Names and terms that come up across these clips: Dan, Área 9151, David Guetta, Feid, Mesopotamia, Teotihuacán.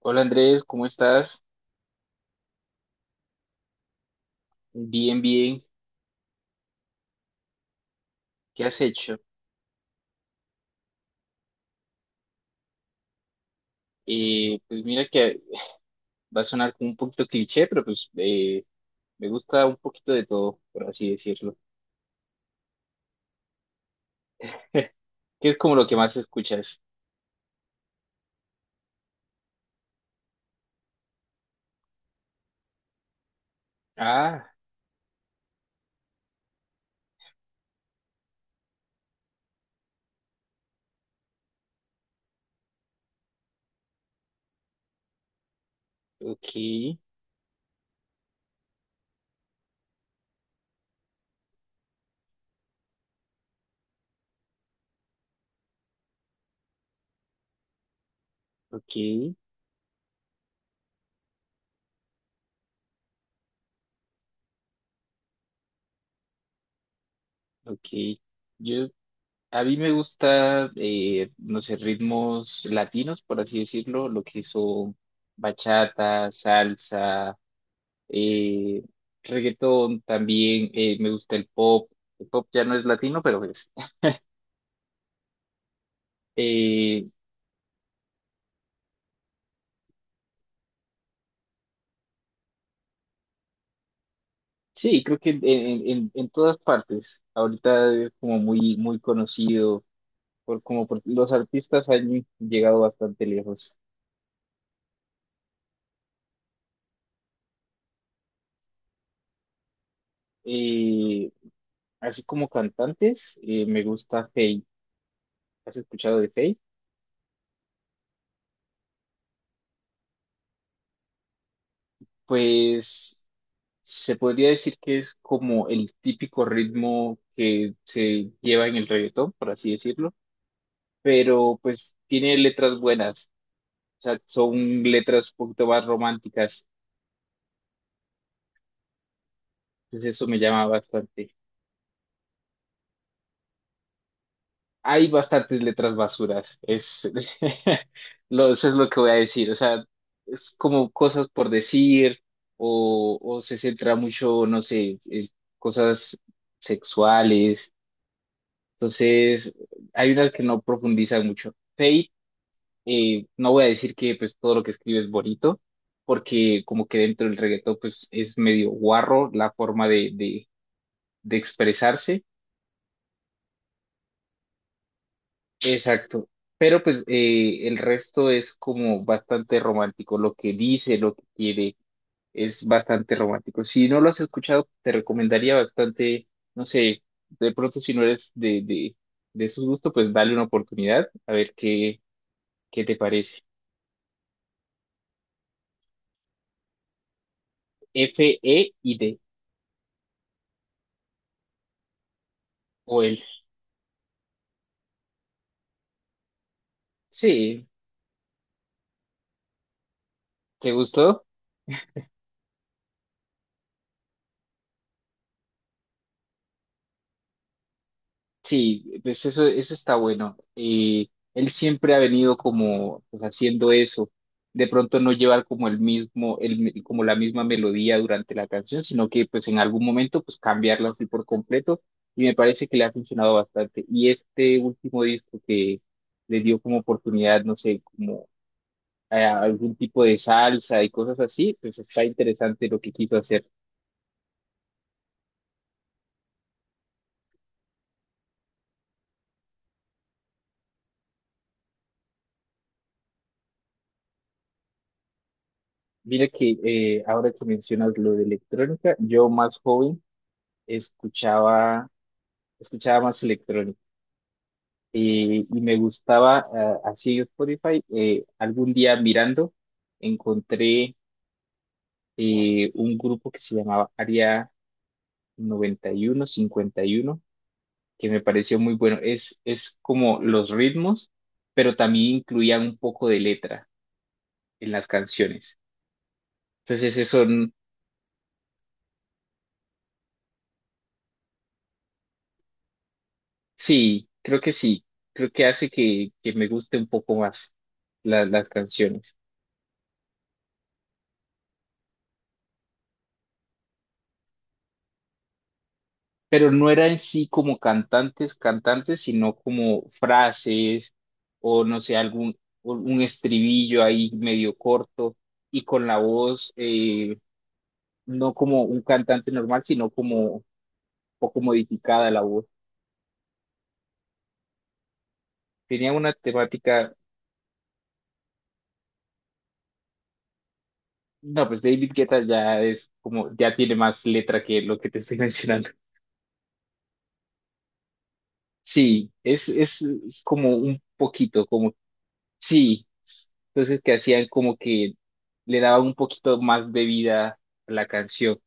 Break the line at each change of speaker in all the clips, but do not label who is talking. Hola Andrés, ¿cómo estás? Bien, bien. ¿Qué has hecho? Pues mira que va a sonar como un poquito cliché, pero pues me gusta un poquito de todo, por así decirlo. ¿Qué es como lo que más escuchas? Ah, ok, ok, ok. Yo, a mí me gusta, no sé, ritmos latinos, por así decirlo, lo que son bachata, salsa, eh, reggaetón también, me gusta el pop ya no es latino, pero es. Eh, sí, creo que en todas partes, ahorita es como muy, muy conocido, los artistas han llegado bastante lejos. Eh, así como cantantes, me gusta Feid, ¿has escuchado de Feid? Pues... Se podría decir que es como el típico ritmo que se lleva en el reggaetón, por así decirlo, pero pues tiene letras buenas, o sea, son letras un poquito más románticas, entonces eso me llama bastante. Hay bastantes letras basuras, es eso es lo que voy a decir, o sea, es como cosas por decir o se centra mucho, no sé, cosas sexuales, entonces hay unas que no profundizan mucho. Fate no voy a decir que pues todo lo que escribe es bonito, porque como que dentro del reggaetón pues es medio guarro la forma de expresarse. Exacto. Pero pues el resto es como bastante romántico. Lo que dice, lo que quiere, es bastante romántico. Si no lo has escuchado, te recomendaría bastante, no sé, de pronto si no eres de su gusto, pues dale una oportunidad a ver qué, qué te parece. F, E y D. O L. Sí. ¿Te gustó? Sí, pues eso está bueno. Él siempre ha venido como pues, haciendo eso. De pronto no llevar como el mismo, como la misma melodía durante la canción, sino que pues en algún momento pues cambiarla así por completo. Y me parece que le ha funcionado bastante. Y este último disco que le dio como oportunidad, no sé, como algún tipo de salsa y cosas así, pues está interesante lo que quiso hacer. Mira que ahora que mencionas lo de electrónica, yo más joven escuchaba, escuchaba más electrónica y me gustaba, ah, así en Spotify, algún día mirando, encontré un grupo que se llamaba Área 9151, que me pareció muy bueno. Es como los ritmos, pero también incluían un poco de letra en las canciones. Entonces eso, sí, creo que hace que me guste un poco más las canciones. Pero no era en sí como cantantes, cantantes, sino como frases o no sé, algún un estribillo ahí medio corto y con la voz no como un cantante normal, sino como un poco modificada la voz. Tenía una temática, no, pues David Guetta ya es como, ya tiene más letra que lo que te estoy mencionando. Sí, es como un poquito, como sí, entonces que hacían como que le daban un poquito más de vida a la canción.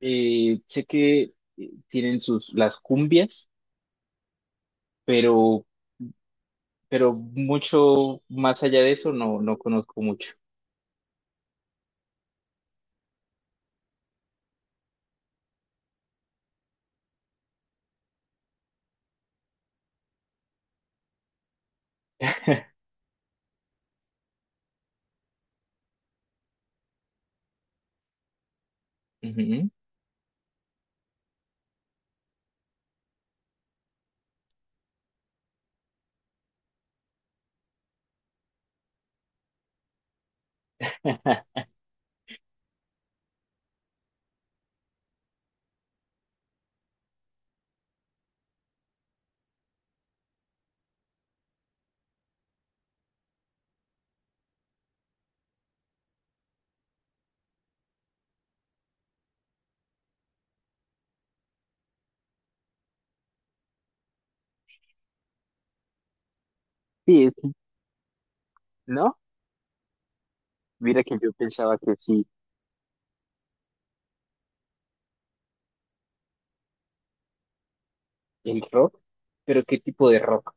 Sé que tienen sus las cumbias, pero pero mucho más allá de eso no no conozco mucho. Ujú. Sí, sí, ¿no? Mira que yo pensaba que sí, el rock, pero ¿qué tipo de rock?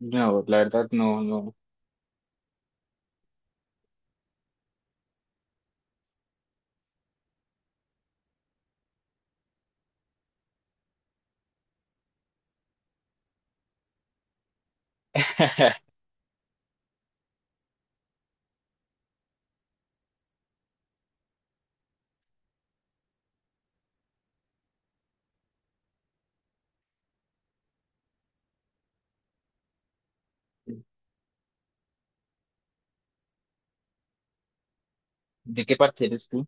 No, la verdad no, no. ¿De qué parte eres tú?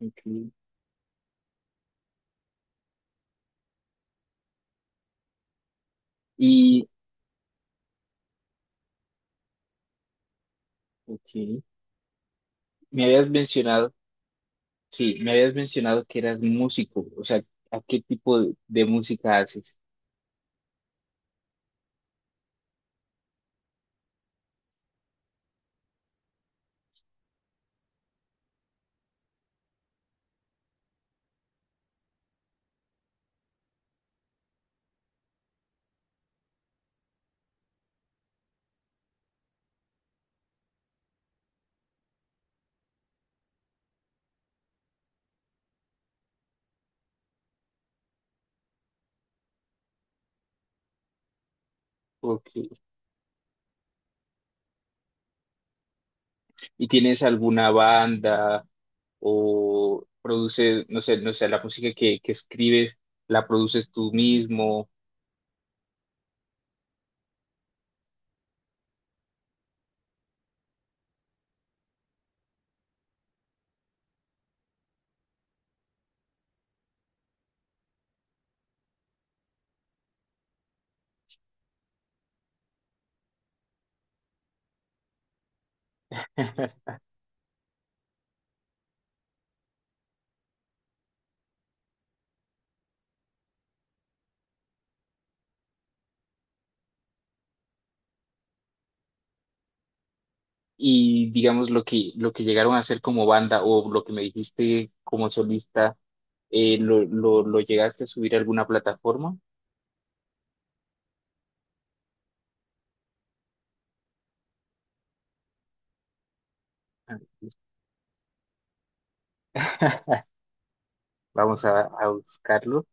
Ok. Y, ok, me habías mencionado sí, me habías mencionado que eras músico, o sea, ¿a qué tipo de música haces? Ok. ¿Y tienes alguna banda o produces, no sé, no sé, la música que escribes, la produces tú mismo? Y digamos lo que llegaron a hacer como banda o lo que me dijiste como solista, ¿lo llegaste a subir a alguna plataforma? Ah, vamos a buscarlo.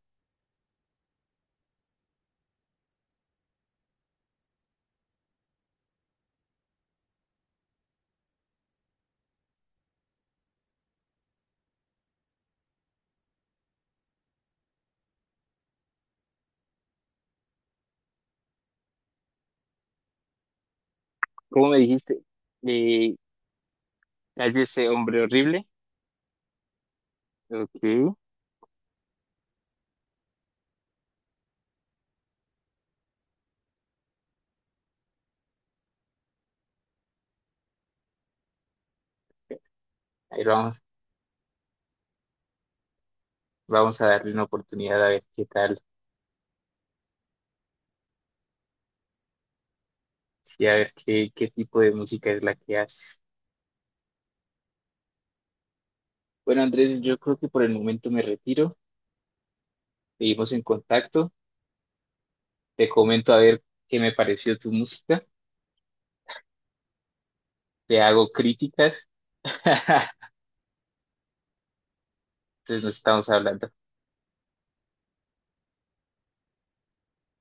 ¿Cómo me dijiste? Eh, Cállese, hombre horrible. Ok. Ahí vamos, vamos a darle una oportunidad a ver qué tal, sí, a ver qué, qué tipo de música es la que haces. Bueno, Andrés, yo creo que por el momento me retiro. Seguimos en contacto. Te comento a ver qué me pareció tu música. Te hago críticas. Entonces nos estamos hablando.